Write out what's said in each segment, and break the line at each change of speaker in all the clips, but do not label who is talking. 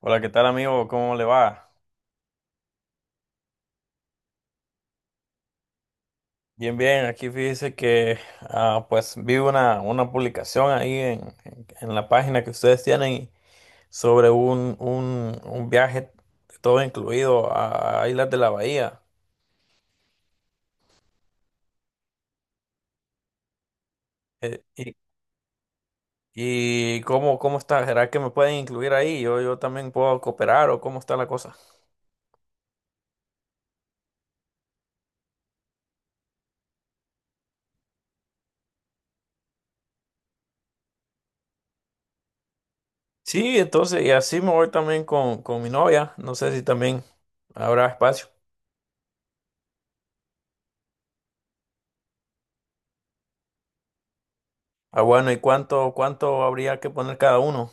Hola, ¿qué tal amigo? ¿Cómo le va? Bien, bien, aquí fíjese que pues vi una publicación ahí en la página que ustedes tienen sobre un viaje todo incluido a Islas de la Bahía. Eh, y, ¿Cómo, cómo está? ¿Será que me pueden incluir ahí? ¿Yo también puedo cooperar o cómo está la cosa? Sí, entonces, y así me voy también con mi novia. No sé si también habrá espacio. Ah, bueno, ¿y cuánto habría que poner cada uno?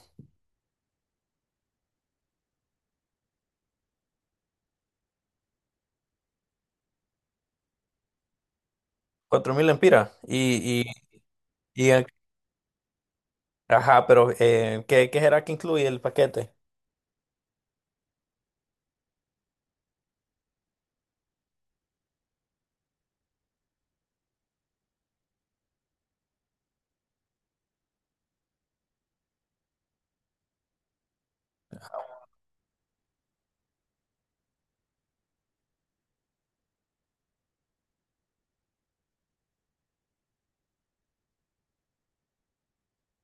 4,000 empiras. Y el- ajá, pero ¿qué, qué será que incluye el paquete?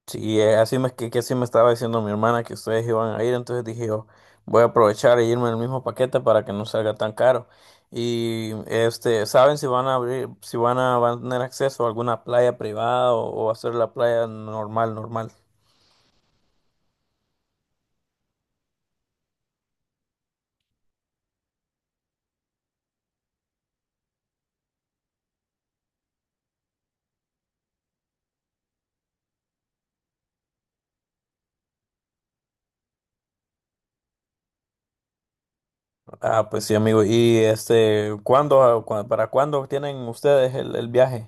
Sí, así me, que así me estaba diciendo mi hermana que ustedes iban a ir, entonces dije yo, voy a aprovechar e irme en el mismo paquete para que no salga tan caro. Y este, ¿saben si van a abrir, si van a, van a tener acceso a alguna playa privada o va a ser la playa normal, normal? Ah, pues sí, amigo. ¿Y este, cuándo, cua- para cuándo tienen ustedes el viaje?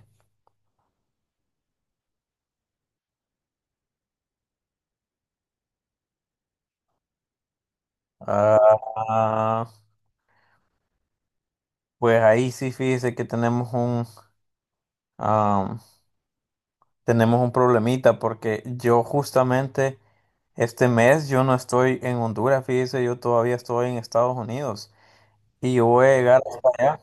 Ah, pues ahí sí, fíjese que tenemos am, tenemos un problemita porque yo justamente este mes yo no estoy en Honduras, fíjese, yo todavía estoy en Estados Unidos y yo voy a llegar hasta allá,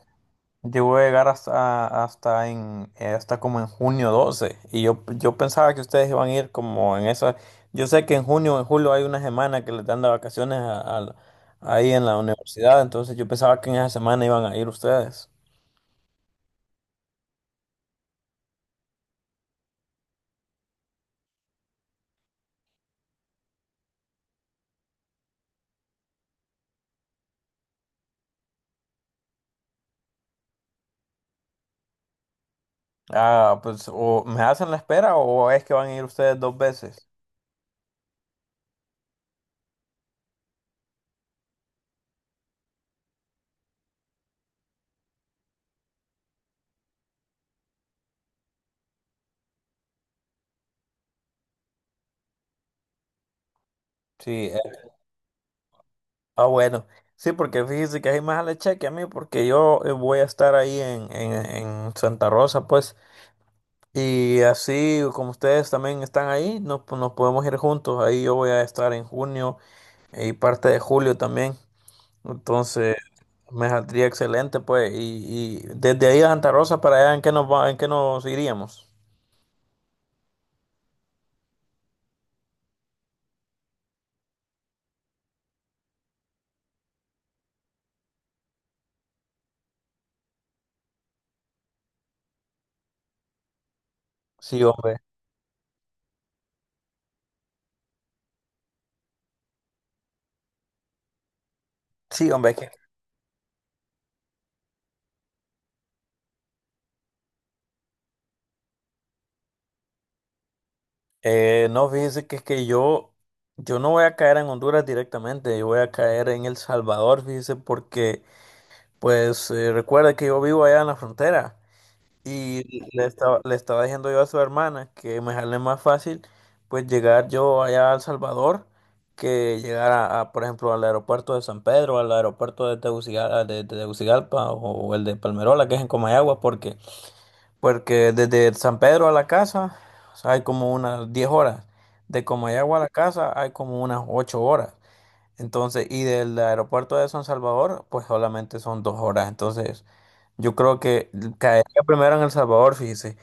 yo voy a llegar hasta como en junio 12 y yo pensaba que ustedes iban a ir como en esa, yo sé que en junio, en julio hay una semana que les dan de vacaciones ahí en la universidad, entonces yo pensaba que en esa semana iban a ir ustedes. Ah, pues o me hacen la espera o es que van a ir ustedes dos veces. Sí, eh, ah, bueno. Sí, porque fíjese que hay más le cheque a mí porque yo voy a estar ahí en Santa Rosa, pues. Y así como ustedes también están ahí, nos podemos ir juntos. Ahí yo voy a estar en junio y parte de julio también. Entonces, me saldría excelente, pues. Y desde ahí a Santa Rosa para allá, ¿en qué nos va, en qué nos iríamos? Sí, hombre. Sí, hombre, que no, fíjese que es que yo no voy a caer en Honduras directamente, yo voy a caer en El Salvador, fíjese, porque pues recuerda que yo vivo allá en la frontera y le estaba diciendo yo a su hermana que me sale más fácil pues llegar yo allá a El Salvador que llegar por ejemplo, al aeropuerto de San Pedro, al aeropuerto de Tegucigalpa, de Tegucigalpa o el de Palmerola, que es en Comayagua, porque... Porque desde San Pedro a la casa, o sea, hay como unas 10 horas. De Comayagua a la casa hay como unas 8 horas. Entonces, y del aeropuerto de San Salvador, pues solamente son 2 horas. Entonces, yo creo que caería primero en El Salvador, fíjese.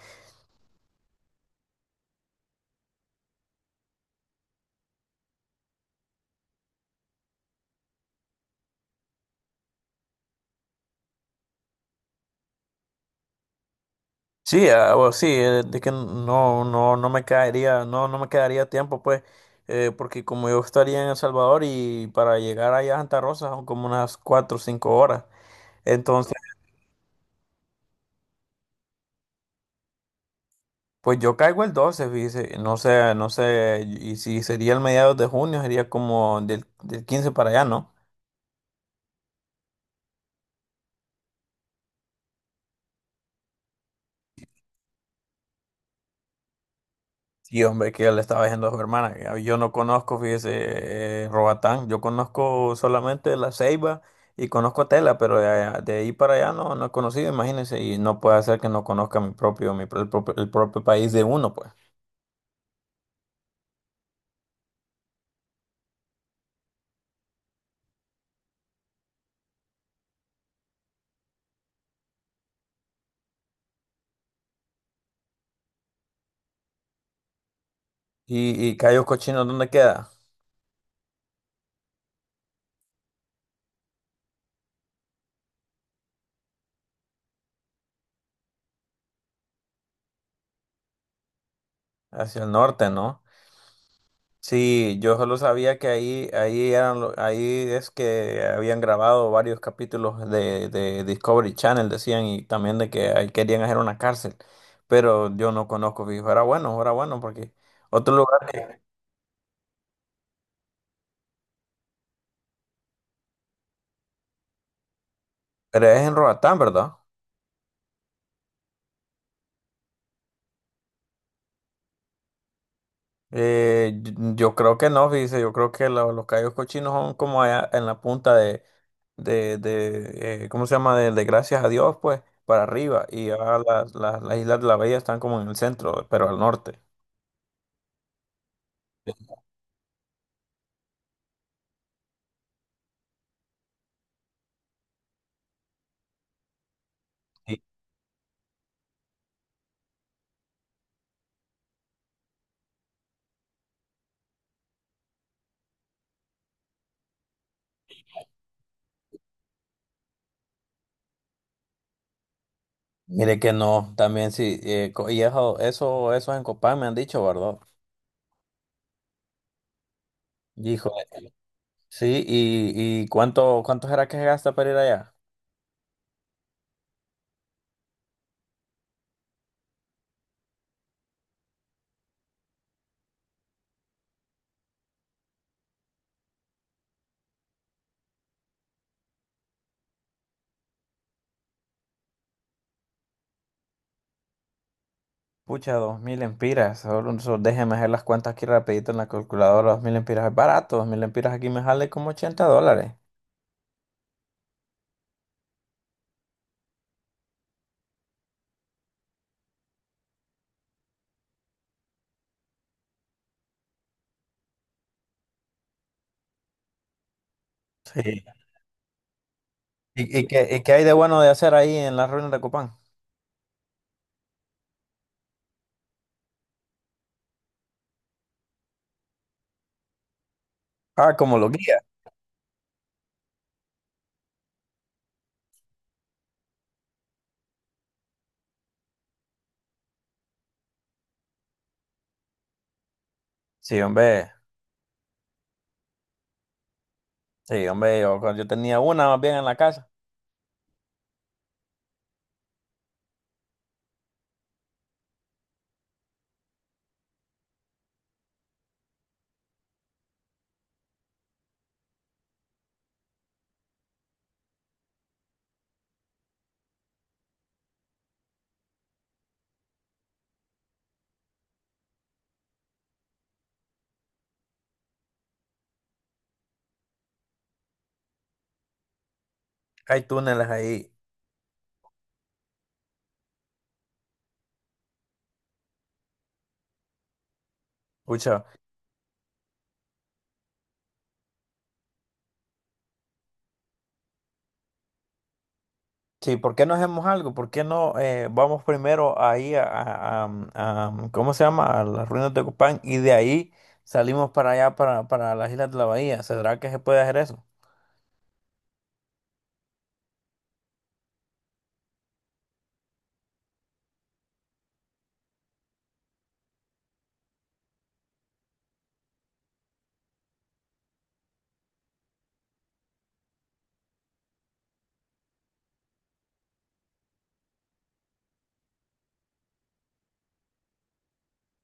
Sí, ah, o sí, de que no, no, no me caería, no, no me quedaría tiempo, pues, porque como yo estaría en El Salvador y para llegar allá a Santa Rosa son como unas 4 o 5 horas. Pues yo caigo el 12, fíjese, no sé, no sé, y si sería el mediados de junio, sería como del 15 para allá, ¿no? Sí, hombre, que yo le estaba diciendo a su hermana, que a- yo no conozco, fíjese, Roatán, yo conozco solamente La Ceiba y conozco Tela, pero de, allá- de ahí para allá no, no he conocido, imagínense, y no puede ser que no conozca mi propio, mi, pro- el propio país de uno, pues. Y Cayos Cochinos, ¿dónde queda? Hacia el norte, ¿no? Sí, yo solo sabía que ahí, ahí eran, lo- ahí es que habían grabado varios capítulos de Discovery Channel, decían, y también de que ahí querían hacer una cárcel, pero yo no conozco, fijo, era bueno, porque otro lugar que, pero es en Roatán, ¿verdad? Yo creo que no, dice, yo creo que lo- los callos cochinos son como allá en la punta de, ¿cómo se llama? De Gracias a Dios, pues, para arriba, y ya las Islas de la Bella están como en el centro, pero al norte. Mire que no, también sí, co- y eso en Copán me han dicho, ¿verdad? Hijo, sí, y ¿cuánto, cuánto será que se gasta para ir allá? Pucha, 2,000 empiras, solo, solo déjeme hacer las cuentas aquí rapidito en la calculadora, 2,000 empiras es barato, 2,000 empiras aquí me sale como 80 dólares. Sí. Y qué hay de bueno de hacer ahí en las ruinas de Copán? Ah, como los guías. Sí, hombre, sí, hombre, yo tenía una más bien en la casa, hay túneles ahí, pucha. Sí, ¿por qué no hacemos algo? ¿Por qué no vamos primero ahí ¿cómo se llama? A las ruinas de Copán y de ahí salimos para allá, para las Islas de la Bahía. ¿Será que se puede hacer eso?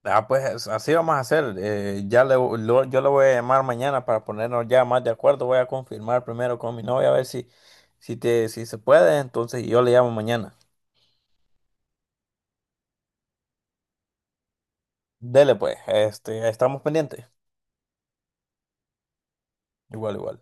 Ah, pues es- así vamos a hacer. Yo le voy a llamar mañana para ponernos ya más de acuerdo. Voy a confirmar primero con mi novia a ver si, si, te, si se puede. Entonces yo le llamo mañana. Dele pues, este, estamos pendientes. Igual, igual.